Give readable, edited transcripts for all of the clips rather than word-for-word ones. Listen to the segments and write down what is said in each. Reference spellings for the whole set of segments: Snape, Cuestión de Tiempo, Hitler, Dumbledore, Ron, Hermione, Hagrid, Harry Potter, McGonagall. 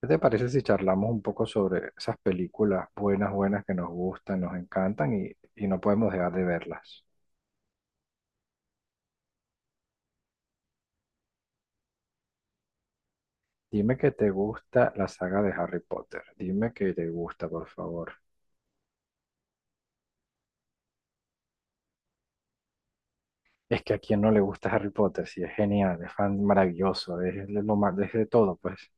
¿Qué te parece si charlamos un poco sobre esas películas buenas, buenas que nos gustan, nos encantan y no podemos dejar de verlas? Dime que te gusta la saga de Harry Potter. Dime que te gusta, por favor. Es que a quién no le gusta Harry Potter, si es genial, es fan maravilloso, es lo más, es de todo, pues.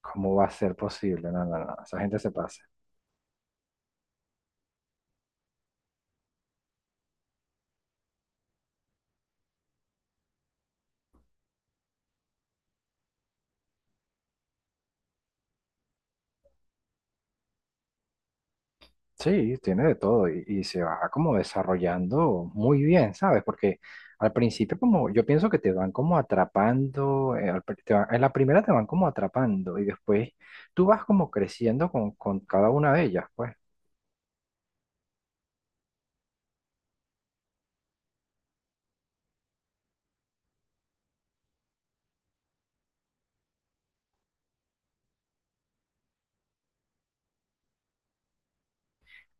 ¿Cómo va a ser posible? No, no, no, esa gente se pasa. Sí, tiene de todo y se va como desarrollando muy bien, ¿sabes? Porque al principio como yo pienso que te van como atrapando, al pri- te va- en la primera te van como atrapando y después tú vas como creciendo con cada una de ellas, pues.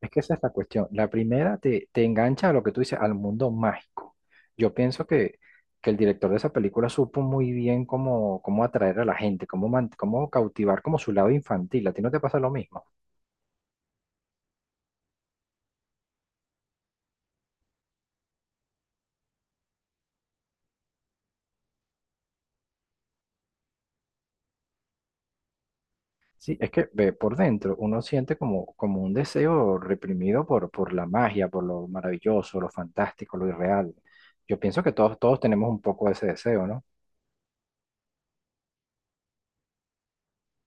Es que esa es la cuestión. La primera te engancha a lo que tú dices, al mundo mágico. Yo pienso que el director de esa película supo muy bien cómo atraer a la gente, cómo cautivar como su lado infantil. ¿A ti no te pasa lo mismo? Sí, es que ve, por dentro uno siente como, como un deseo reprimido por la magia, por lo maravilloso, lo fantástico, lo irreal. Yo pienso que todos, todos tenemos un poco de ese deseo, ¿no?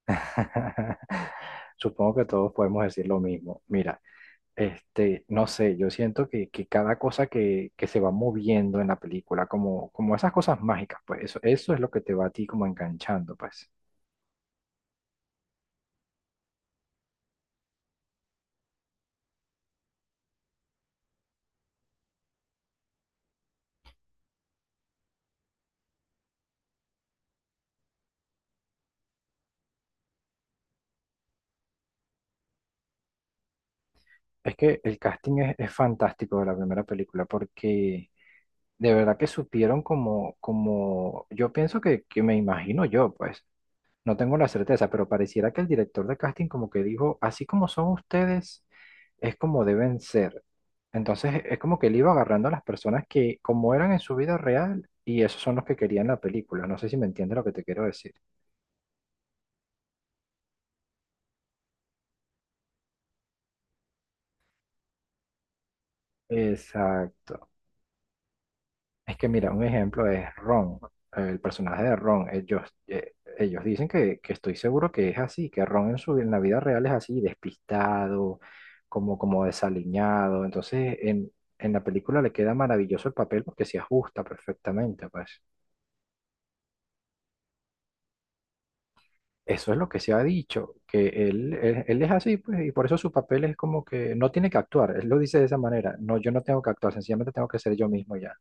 Supongo que todos podemos decir lo mismo. Mira, este, no sé, yo siento que cada cosa que se va moviendo en la película, como, como esas cosas mágicas, pues eso es lo que te va a ti como enganchando, pues. Es que el casting es fantástico de la primera película porque de verdad que supieron como, como, yo pienso que me imagino yo, pues, no tengo la certeza, pero pareciera que el director de casting como que dijo, así como son ustedes, es como deben ser. Entonces, es como que él iba agarrando a las personas que como eran en su vida real y esos son los que querían la película. No sé si me entiendes lo que te quiero decir. Exacto. Es que mira, un ejemplo es Ron, el personaje de Ron. Ellos, ellos dicen que estoy seguro que es así, que Ron en la vida real es así, despistado, como, como desaliñado. Entonces, en la película le queda maravilloso el papel porque se ajusta perfectamente, pues. Eso es lo que se ha dicho, que él es así, pues, y por eso su papel es como que no tiene que actuar. Él lo dice de esa manera. No, yo no tengo que actuar, sencillamente tengo que ser yo mismo ya.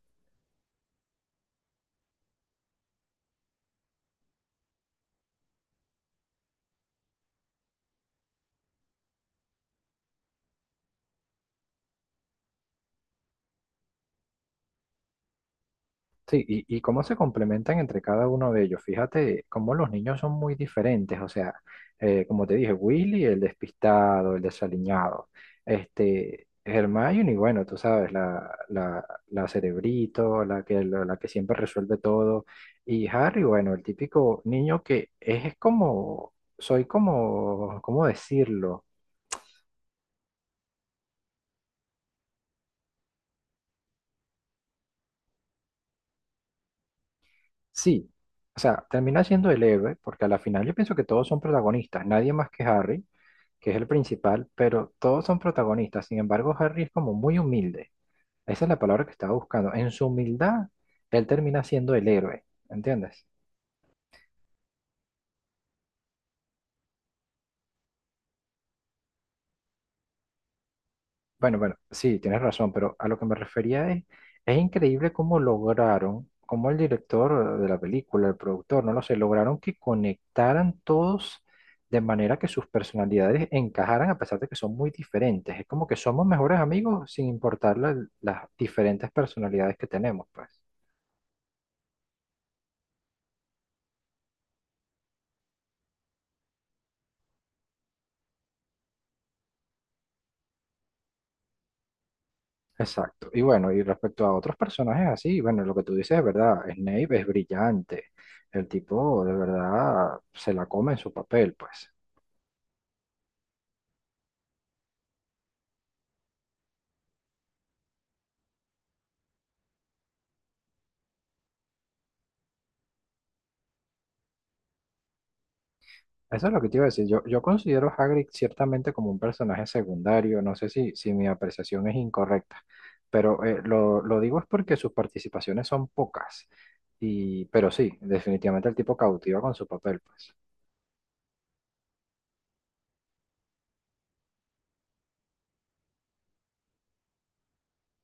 Sí, y cómo se complementan entre cada uno de ellos. Fíjate cómo los niños son muy diferentes. O sea, como te dije, Willy, el despistado, el desaliñado. Este, Hermione, bueno, tú sabes, la cerebrito, la que siempre resuelve todo. Y Harry, bueno, el típico niño que es como, soy como, ¿cómo decirlo? Sí. O sea, termina siendo el héroe, porque a la final yo pienso que todos son protagonistas, nadie más que Harry que es el principal, pero todos son protagonistas. Sin embargo, Harry es como muy humilde. Esa es la palabra que estaba buscando. En su humildad, él termina siendo el héroe, ¿entiendes? Bueno, bueno, sí, tienes razón, pero a lo que me refería es increíble cómo lograron, cómo el director de la película, el productor, no lo sé, lograron que conectaran todos de manera que sus personalidades encajaran a pesar de que son muy diferentes. Es como que somos mejores amigos sin importar las diferentes personalidades que tenemos, pues. Exacto. Y bueno, y respecto a otros personajes así, bueno, lo que tú dices es verdad, Snape es brillante. El tipo de verdad se la come en su papel, pues. Eso es lo que te iba a decir. Yo considero a Hagrid ciertamente como un personaje secundario. No sé si mi apreciación es incorrecta, pero lo digo es porque sus participaciones son pocas. Y, pero sí, definitivamente el tipo cautiva con su papel, pues.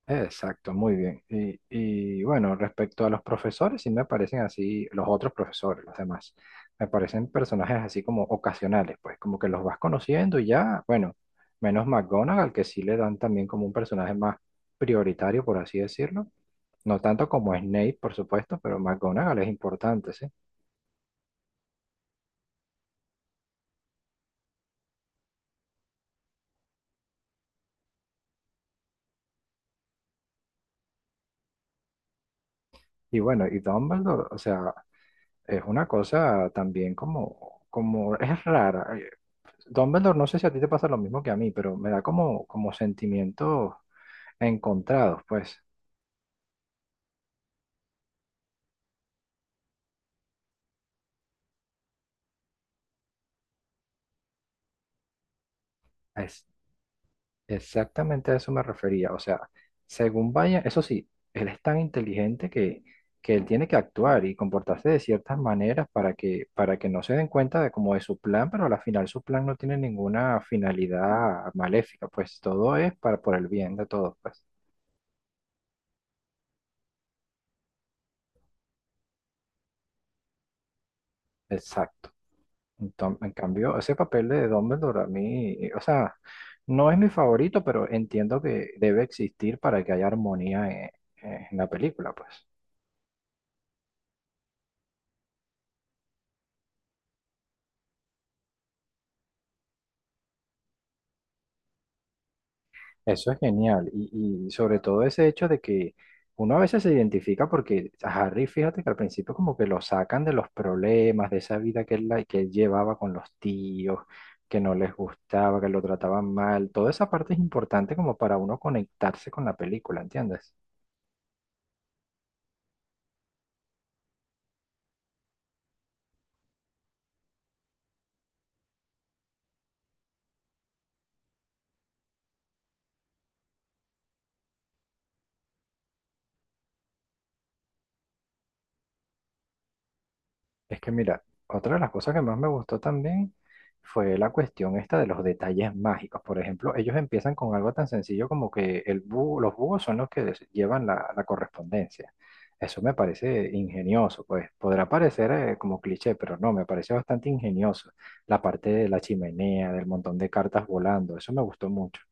Exacto, muy bien. Y bueno, respecto a los profesores, sí me parecen así, los otros profesores, los demás, me parecen personajes así como ocasionales, pues como que los vas conociendo y ya, bueno, menos McGonagall, que sí le dan también como un personaje más prioritario, por así decirlo. No tanto como Snape, por supuesto, pero McGonagall es importante, ¿sí? Y bueno, y Dumbledore, o sea, es una cosa también como, como es rara. Dumbledore, no sé si a ti te pasa lo mismo que a mí, pero me da como, como sentimientos encontrados, pues. Es exactamente a eso me refería. O sea, según vaya, eso sí, él es tan inteligente que él tiene que actuar y comportarse de ciertas maneras para que no se den cuenta de como de su plan, pero al final su plan no tiene ninguna finalidad maléfica, pues todo es para por el bien de todos, pues. Exacto. En cambio, ese papel de Dumbledore a mí, o sea, no es mi favorito, pero entiendo que debe existir para que haya armonía en la película, pues. Eso es genial. Y sobre todo ese hecho de que uno a veces se identifica porque a Harry, fíjate que al principio como que lo sacan de los problemas, de esa vida que que él llevaba con los tíos, que no les gustaba, que lo trataban mal. Toda esa parte es importante como para uno conectarse con la película, ¿entiendes? Es que mira, otra de las cosas que más me gustó también fue la cuestión esta de los detalles mágicos. Por ejemplo, ellos empiezan con algo tan sencillo como que los búhos son los que llevan la correspondencia. Eso me parece ingenioso, pues podrá parecer como cliché, pero no, me parece bastante ingenioso. La parte de la chimenea, del montón de cartas volando, eso me gustó mucho.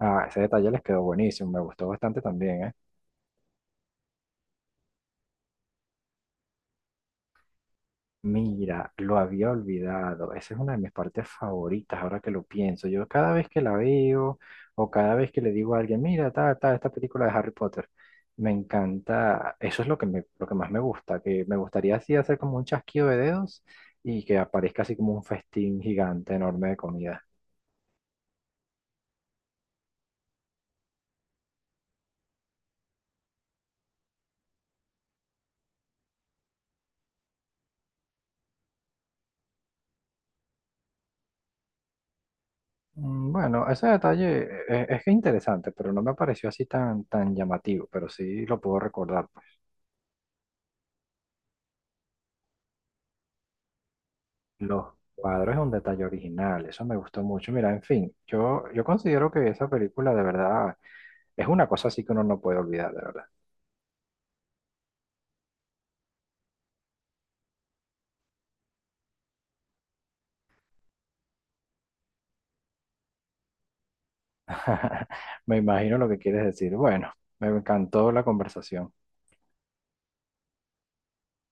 Ah, ese detalle les quedó buenísimo, me gustó bastante también, ¿eh? Mira, lo había olvidado. Esa es una de mis partes favoritas, ahora que lo pienso. Yo cada vez que la veo o cada vez que le digo a alguien, mira, ta, ta, esta película de Harry Potter, me encanta. Eso es lo que lo que más me gusta, que me gustaría así hacer como un chasquido de dedos y que aparezca así como un festín gigante, enorme de comida. Mm, bueno, ese detalle que es interesante, pero no me pareció así tan, tan llamativo, pero sí lo puedo recordar. Los cuadros es un detalle original, eso me gustó mucho. Mira, en fin, yo considero que esa película de verdad es una cosa así que uno no puede olvidar, de verdad. Me imagino lo que quieres decir. Bueno, me encantó la conversación.